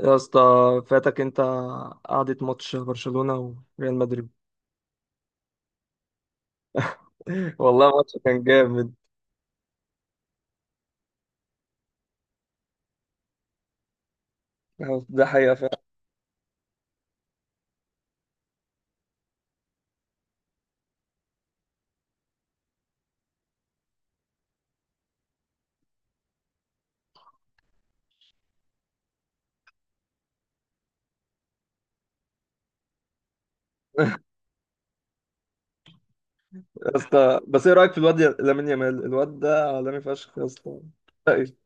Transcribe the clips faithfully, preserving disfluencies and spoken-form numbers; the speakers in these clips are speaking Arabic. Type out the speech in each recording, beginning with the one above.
يا اسطى فاتك انت قعدة ماتش برشلونة وريال مدريد. والله ماتش كان جامد. ده حقيقة فعلا. يا اسطى، بس ايه رأيك في الواد يا- لامين يامال؟ الواد ده عالمي فشخ يا اسطى. رأيي.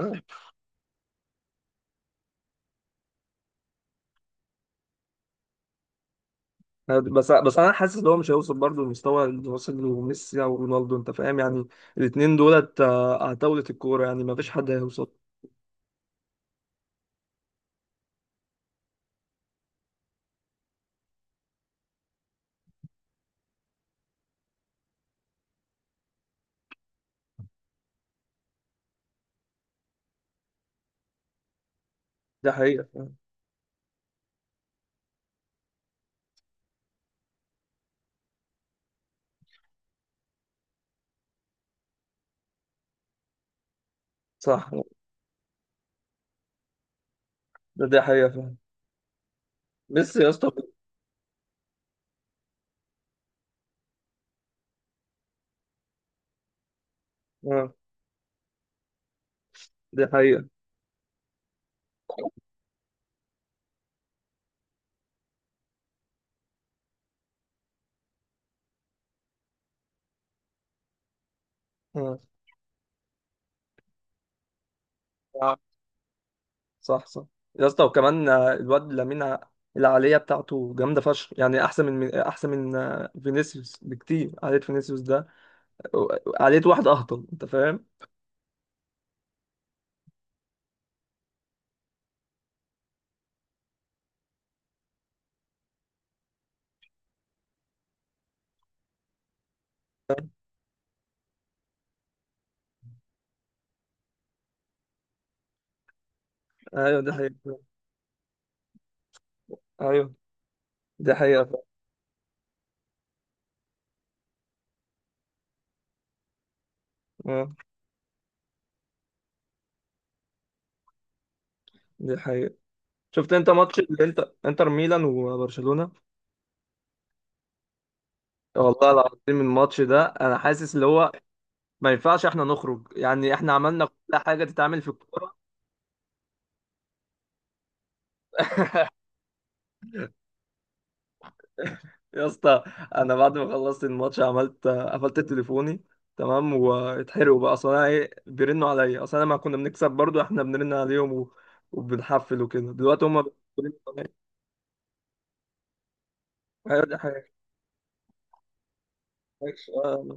آه. بس بس انا حاسس ان هو مش هيوصل برضه للمستوى اللي واصل له ميسي او رونالدو، انت فاهم؟ يعني الاثنين دولت آه، على طاولة الكورة، يعني ما فيش حد هيوصل. ده حقيقة فعلا. صح، ده ده حقيقة فعلا. ميسي يا اسطى آه، دي حقيقة. آه. صح، صح. يا اسطى، وكمان آه، الواد لامين ع- العالية بتاعته جامدة فشخ، يعني أحسن من من- أحسن من آه، فينيسيوس بكتير. عالية فينيسيوس ده عالية واحد أهطل، أنت فاهم؟ أيوه، دي حقيقة. أيوه، دي حقيقة فعلا. آه، دي حقيقة. شفت أنت ماتش الإنتر؟ إنتر ميلان وبرشلونة، والله العظيم الماتش ده أنا حاسس اللي هو ما ينفعش إحنا نخرج. يعني إحنا عملنا كل حاجة تتعمل في الكورة. يا اسطى، انا بعد ما خلصت الماتش عملت قفلت تليفوني، تمام؟ واتحرقوا بقى، اصل انا ايه؟ بيرنوا عليا اصل انا ما كنا بنكسب برضو. احنا بنرن عليهم و... وبنحفل وكده، دلوقتي هم بيرنوا عليا. ايوه دي حاجه. آه.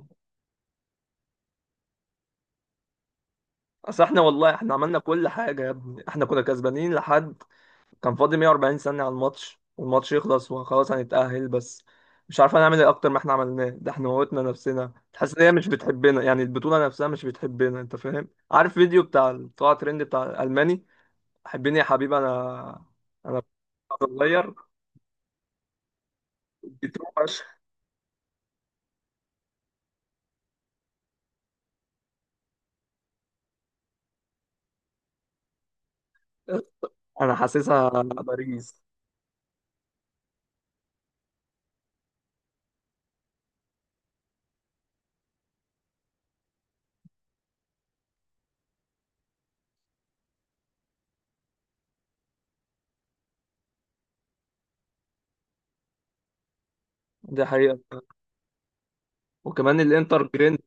اصل احنا والله احنا عملنا كل حاجه يا ابني، احنا كنا كسبانين لحد كان فاضل مية وأربعين ثانية على الماتش والماتش يخلص وخلاص هنتأهل، بس مش عارفة نعمل ايه اكتر ما احنا عملناه. ده احنا موتنا نفسنا. تحس ان هي مش بتحبنا، يعني البطولة نفسها مش بتحبنا، انت فاهم؟ عارف فيديو بتاع طلع ترند بتاع الألماني؟ حبيني يا حبيبي، انا انا صغير، بتوحش. انا حاسسها باريس. دي حقيقة. وكمان الانتر جرينت.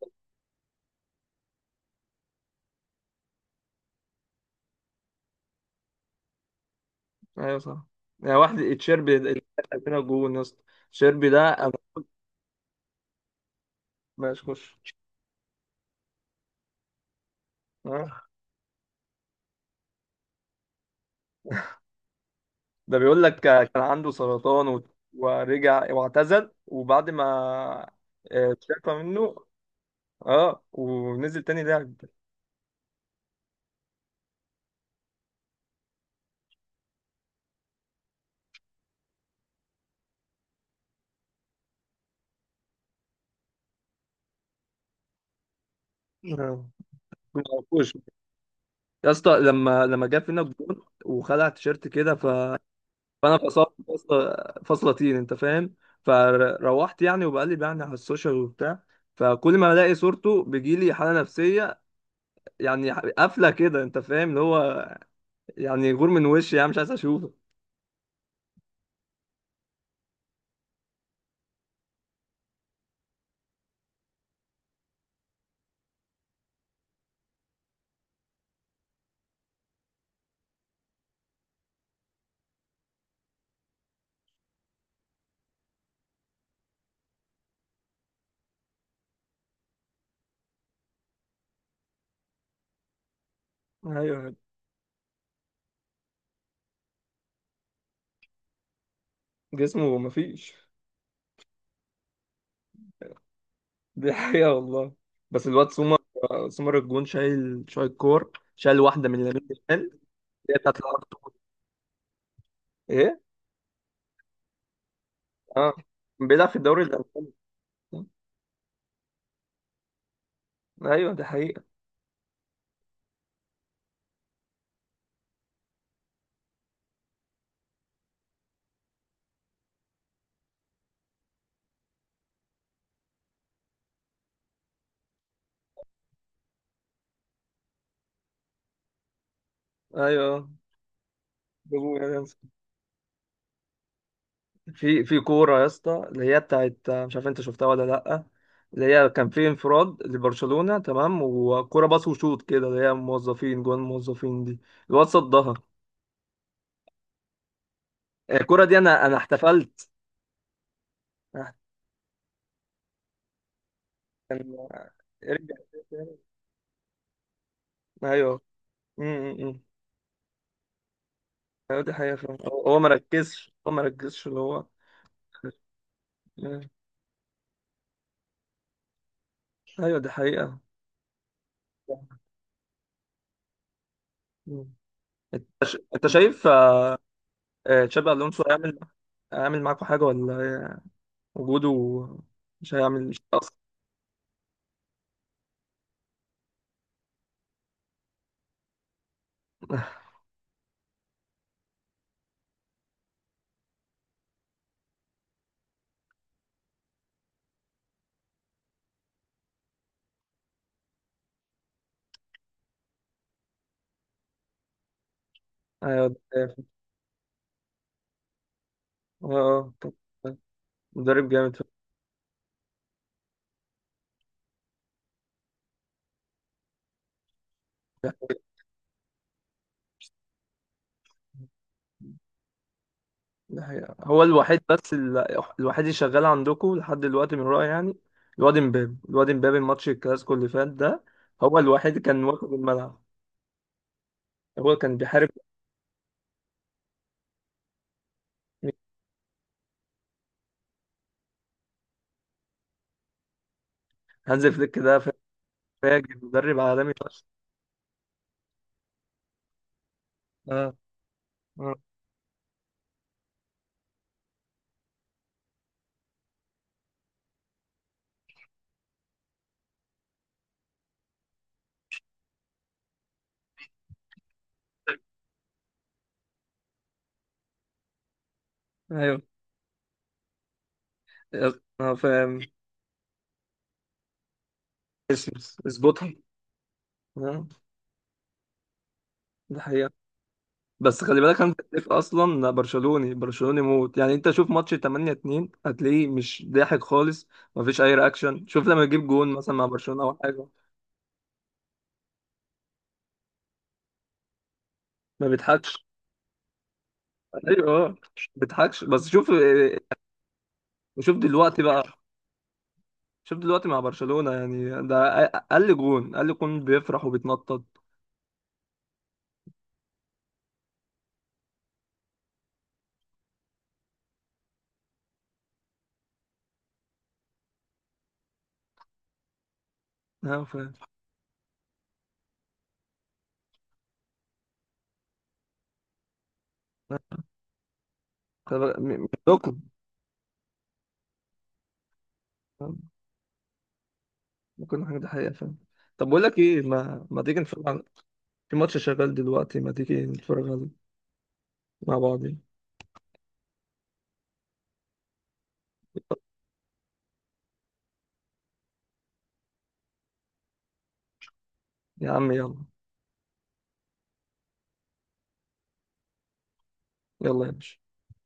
ايوه صح. يعني واحد تشيربي اللي دخل فينا جون يا اسطى. تشيربي ده انا، ماشي خش. ده بيقول لك كان عنده سرطان و- ورجع واعتزل، وبعد ما آه، اتشافى منه. اه ونزل تاني لعب. آه. ما عرفوش. يا اسطى، لما لما جاب فينا الجون وخلع التيشيرت كده، ف... فانا فصلت فصلة، فصلة طين، انت فاهم. فروحت يعني وبقلب يعني على السوشيال وبتاع، فكل ما الاقي صورته بيجيلي حالة نفسية، يعني قافلة كده انت فاهم، اللي هو يعني غور من وشي، يعني مش عايز اشوفه. ايوه. جسمه مفيش. دي حقيقة والله. بس الواد سومر، سومر الجون شايل شايل كور، شايل واحدة من لامين يامال اللي هي بتاعت الأرض. ايه. اه، بيلعب في الدوري الألماني. ايوه دي حقيقة. ايوه. جابوه يا ناس. في في كورة يا اسطى، اللي هي بتاعت مش عارف انت شفتها ولا لأ، اللي هي كان في انفراد لبرشلونة تمام، وكورة باص وشوط كده اللي هي موظفين جوان، موظفين دي. الواد صدها. الكورة دي انا انا احتفلت. أنا- كان، رجع. ايوه. م- م- م. ايوه دي حقيقة فعلا. هو هو ما ركزش هو ما ركزش اللي هو آه، ايوه دي حقيقة. مم. انت ش- انت شايف آه، آه، تشابي الونسو هيعمل، هيعمل معاكم حاجة ولا؟ وجوده مش هيعمل، مش اصلا. ايوه دي حقيقة فعلا. اه آه، طب. آه، مدرب جامد فعلا. دي حقيقة. دي حقيقة. هو الوحيد، بس ال- الوحيد اللي شغال عندكم لحد دلوقتي من رأيي يعني. الواد امبابي الواد امبابي، الماتش الكلاسيكو اللي فات ده هو الوحيد كان واخد الملعب، هو كان بيحارب. هانز فليك ده فاجر، مدرب عالمي فشخ. اه. اه. ايوه. اه فاهم. اسم. اظبطها. اه. ده حقيقة. بس خلي بالك، هانز فليك اصلا برشلوني، برشلوني موت، يعني انت شوف ماتش تمانية اتنين هتلاقيه مش ضاحك خالص، مفيش اي رياكشن. شوف لما يجيب جون مثلا مع برشلونة او حاجه، ما بيضحكش. ايوه آه، مش بيضحكش. بس شوف آه، شوف دلوقتي بقى، شوف دلوقتي مع برشلونة. يعني ده اقل جون اقل جون بيفرح وبيتنطط. ها ف... آه، طب- م- مش لكم ممكن حاجة، دي حقيقة فعلا. طب بقول لك ايه، ما ما تيجي نتفرج على- في ماتش شغال دلوقتي، ما تيجي نتفرج عليه مع بعض؟ يا عم يلا. يلا يا باشا.